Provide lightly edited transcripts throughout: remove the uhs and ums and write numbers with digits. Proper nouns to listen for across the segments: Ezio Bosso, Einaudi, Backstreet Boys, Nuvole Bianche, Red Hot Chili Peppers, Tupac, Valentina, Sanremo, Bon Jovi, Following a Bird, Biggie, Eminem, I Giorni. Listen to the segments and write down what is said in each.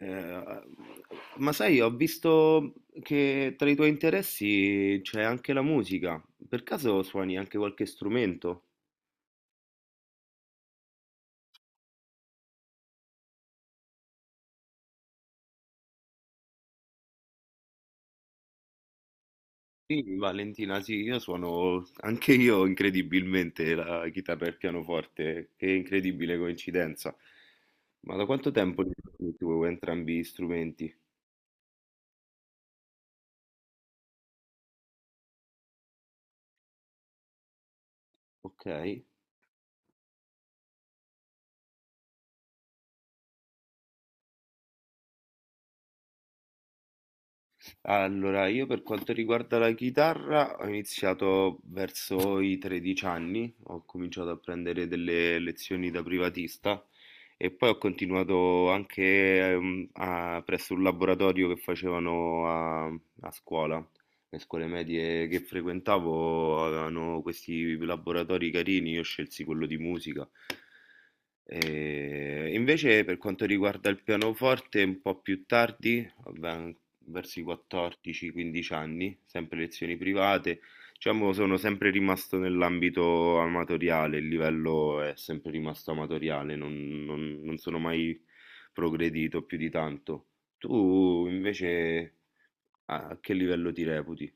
Eh, ma sai, ho visto che tra i tuoi interessi c'è anche la musica. Per caso suoni anche qualche strumento? Sì, Valentina, sì, io suono anche io incredibilmente la chitarra e il pianoforte. Che incredibile coincidenza. Ma da quanto tempo li suoni tu entrambi gli strumenti? Ok. Allora, io per quanto riguarda la chitarra, ho iniziato verso i 13 anni, ho cominciato a prendere delle lezioni da privatista e poi ho continuato anche presso un laboratorio che facevano a scuola. Le scuole medie che frequentavo avevano questi laboratori carini, io scelsi quello di musica. E invece per quanto riguarda il pianoforte, un po' più tardi, vabbè, verso i 14-15 anni, sempre lezioni private, diciamo sono sempre rimasto nell'ambito amatoriale, il livello è sempre rimasto amatoriale, non sono mai progredito più di tanto. Tu invece a che livello ti reputi?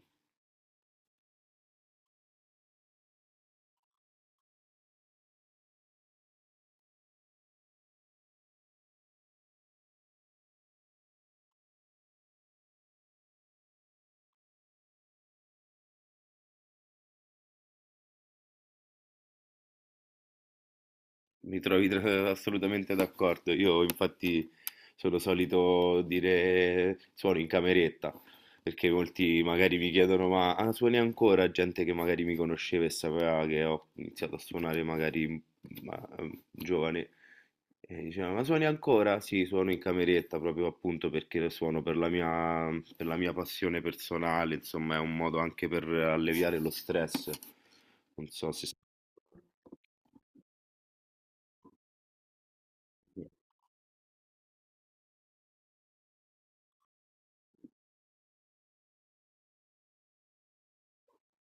Mi trovi assolutamente d'accordo. Io infatti sono solito dire suono in cameretta, perché molti magari mi chiedono ma suoni ancora? Gente che magari mi conosceva e sapeva che ho iniziato a suonare magari ma, giovane e diceva ma suoni ancora? Sì, suono in cameretta proprio appunto perché lo suono per la mia passione personale, insomma è un modo anche per alleviare lo stress. Non so se.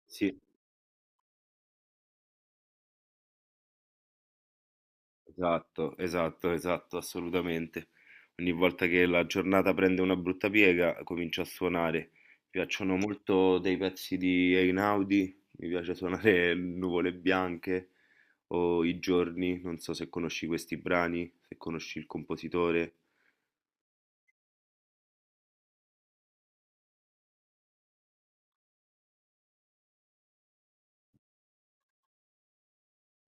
Sì. Esatto, esatto, esatto, assolutamente. Ogni volta che la giornata prende una brutta piega, comincio a suonare. Mi piacciono molto dei pezzi di Einaudi, mi piace suonare Nuvole Bianche o I Giorni, non so se conosci questi brani, se conosci il compositore.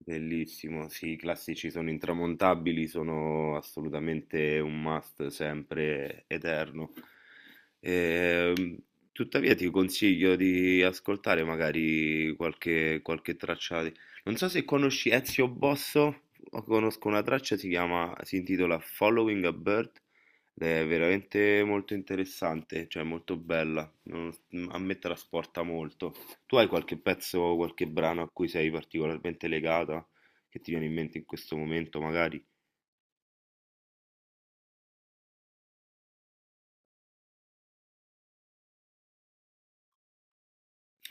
Bellissimo, sì, i classici sono intramontabili, sono assolutamente un must sempre eterno. Ehm, tuttavia ti consiglio di ascoltare magari qualche traccia. Non so se conosci Ezio Bosso, o conosco una traccia, si chiama, si intitola Following a Bird ed è veramente molto interessante, cioè molto bella, a me trasporta molto. Tu hai qualche pezzo, qualche brano a cui sei particolarmente legata, che ti viene in mente in questo momento, magari?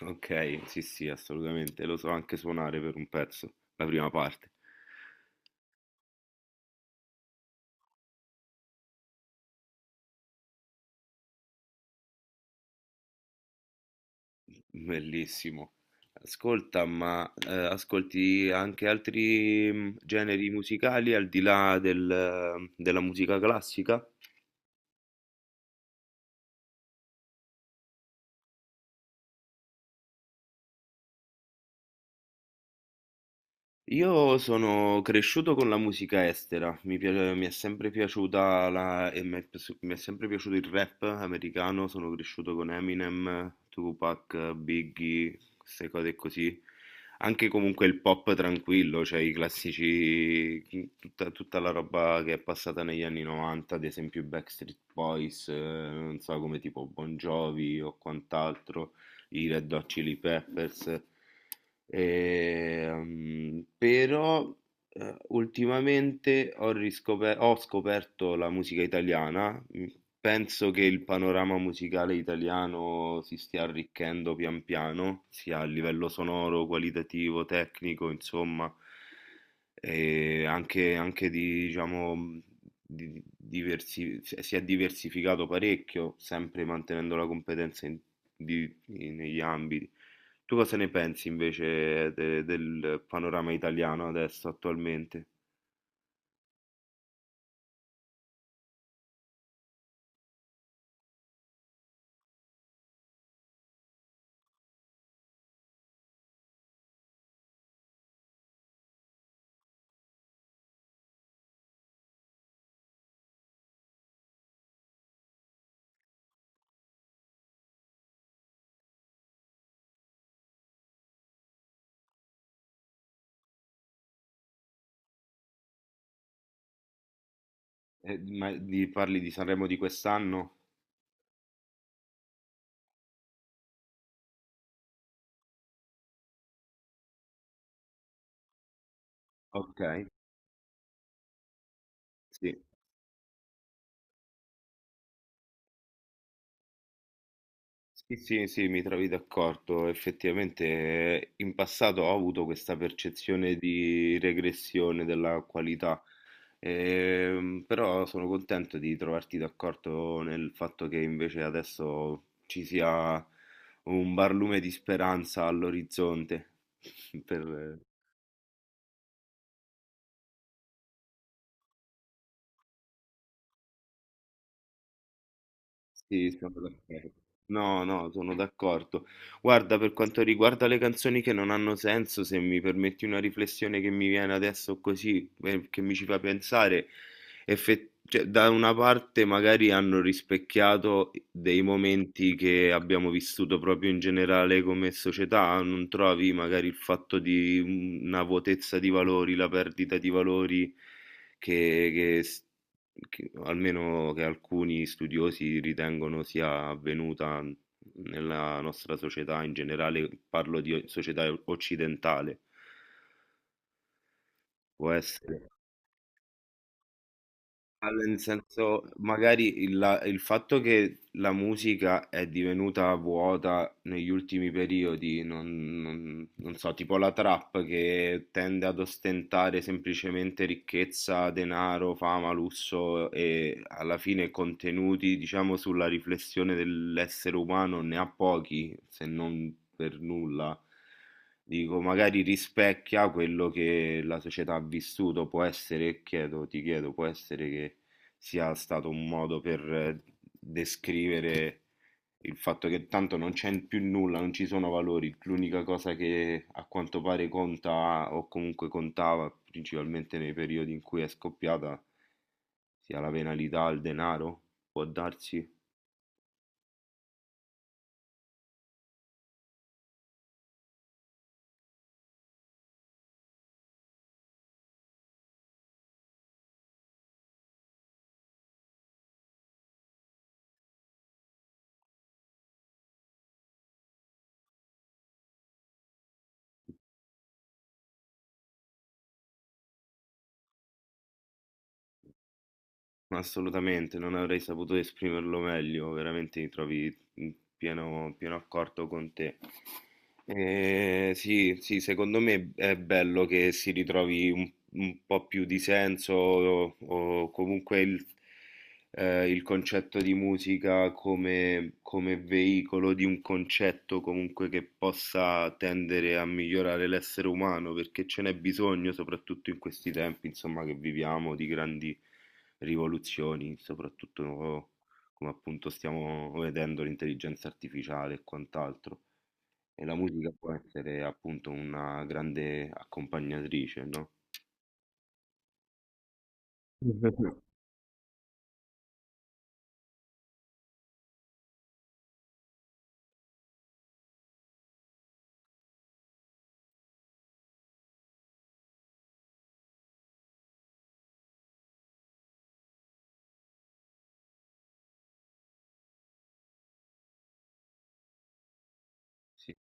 Ok, sì, sì, assolutamente. Lo so anche suonare per un pezzo, la prima parte. Bellissimo. Ascolta, ma ascolti anche altri generi musicali al di là della musica classica? Io sono cresciuto con la musica estera, mi è sempre piaciuta la, mi è sempre piaciuto il rap americano, sono cresciuto con Eminem, Tupac, Biggie, queste cose così. Anche comunque il pop tranquillo, cioè i classici, tutta la roba che è passata negli anni 90, ad esempio i Backstreet Boys, non so come tipo Bon Jovi o quant'altro i Red Hot Chili Peppers. E, però ultimamente ho scoperto la musica italiana. Penso che il panorama musicale italiano si stia arricchendo pian piano, sia a livello sonoro, qualitativo, tecnico, insomma, e anche di, diciamo, si è diversificato parecchio, sempre mantenendo la competenza negli ambiti. Tu cosa ne pensi invece del panorama italiano adesso, attualmente? Ma parli di Sanremo di quest'anno? Ok, sì. Sì, sì, sì, mi trovi d'accordo. Effettivamente in passato ho avuto questa percezione di regressione della qualità. Però sono contento di trovarti d'accordo nel fatto che invece adesso ci sia un barlume di speranza all'orizzonte per, Sì, sono d'accordo. No, no, sono d'accordo. Guarda, per quanto riguarda le canzoni che non hanno senso, se mi permetti una riflessione che mi viene adesso così, che mi ci fa pensare, cioè, da una parte magari hanno rispecchiato dei momenti che abbiamo vissuto proprio in generale come società, non trovi magari il fatto di una vuotezza di valori, la perdita di valori che, che s- che almeno che alcuni studiosi ritengono sia avvenuta nella nostra società in generale, parlo di società occidentale, può essere. Ah, nel senso, magari il fatto che la musica è divenuta vuota negli ultimi periodi, non so, tipo la trap che tende ad ostentare semplicemente ricchezza, denaro, fama, lusso e alla fine contenuti, diciamo, sulla riflessione dell'essere umano ne ha pochi, se non per nulla. Dico, magari rispecchia quello che la società ha vissuto, può essere, chiedo, ti chiedo, può essere che sia stato un modo per descrivere il fatto che tanto non c'è più nulla, non ci sono valori, l'unica cosa che a quanto pare conta o comunque contava, principalmente nei periodi in cui è scoppiata, sia la penalità, il denaro, può darsi. Assolutamente, non avrei saputo esprimerlo meglio, veramente mi trovi in pieno, pieno accordo con te. Sì, sì, secondo me è bello che si ritrovi un po' più di senso o comunque il concetto di musica come veicolo di un concetto comunque che possa tendere a migliorare l'essere umano, perché ce n'è bisogno, soprattutto in questi tempi, insomma, che viviamo di grandi rivoluzioni, soprattutto come appunto stiamo vedendo l'intelligenza artificiale e quant'altro. E la musica può essere appunto una grande accompagnatrice, no? Mhm. Sì,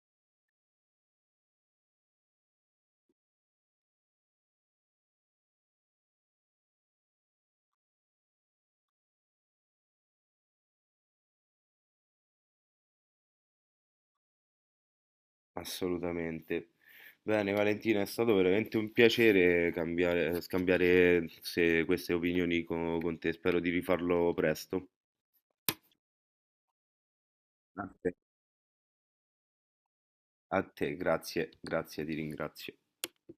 assolutamente. Bene, Valentina, è stato veramente un piacere scambiare queste opinioni con te. Spero di rifarlo presto. A te, a te, grazie, grazie, ti ringrazio.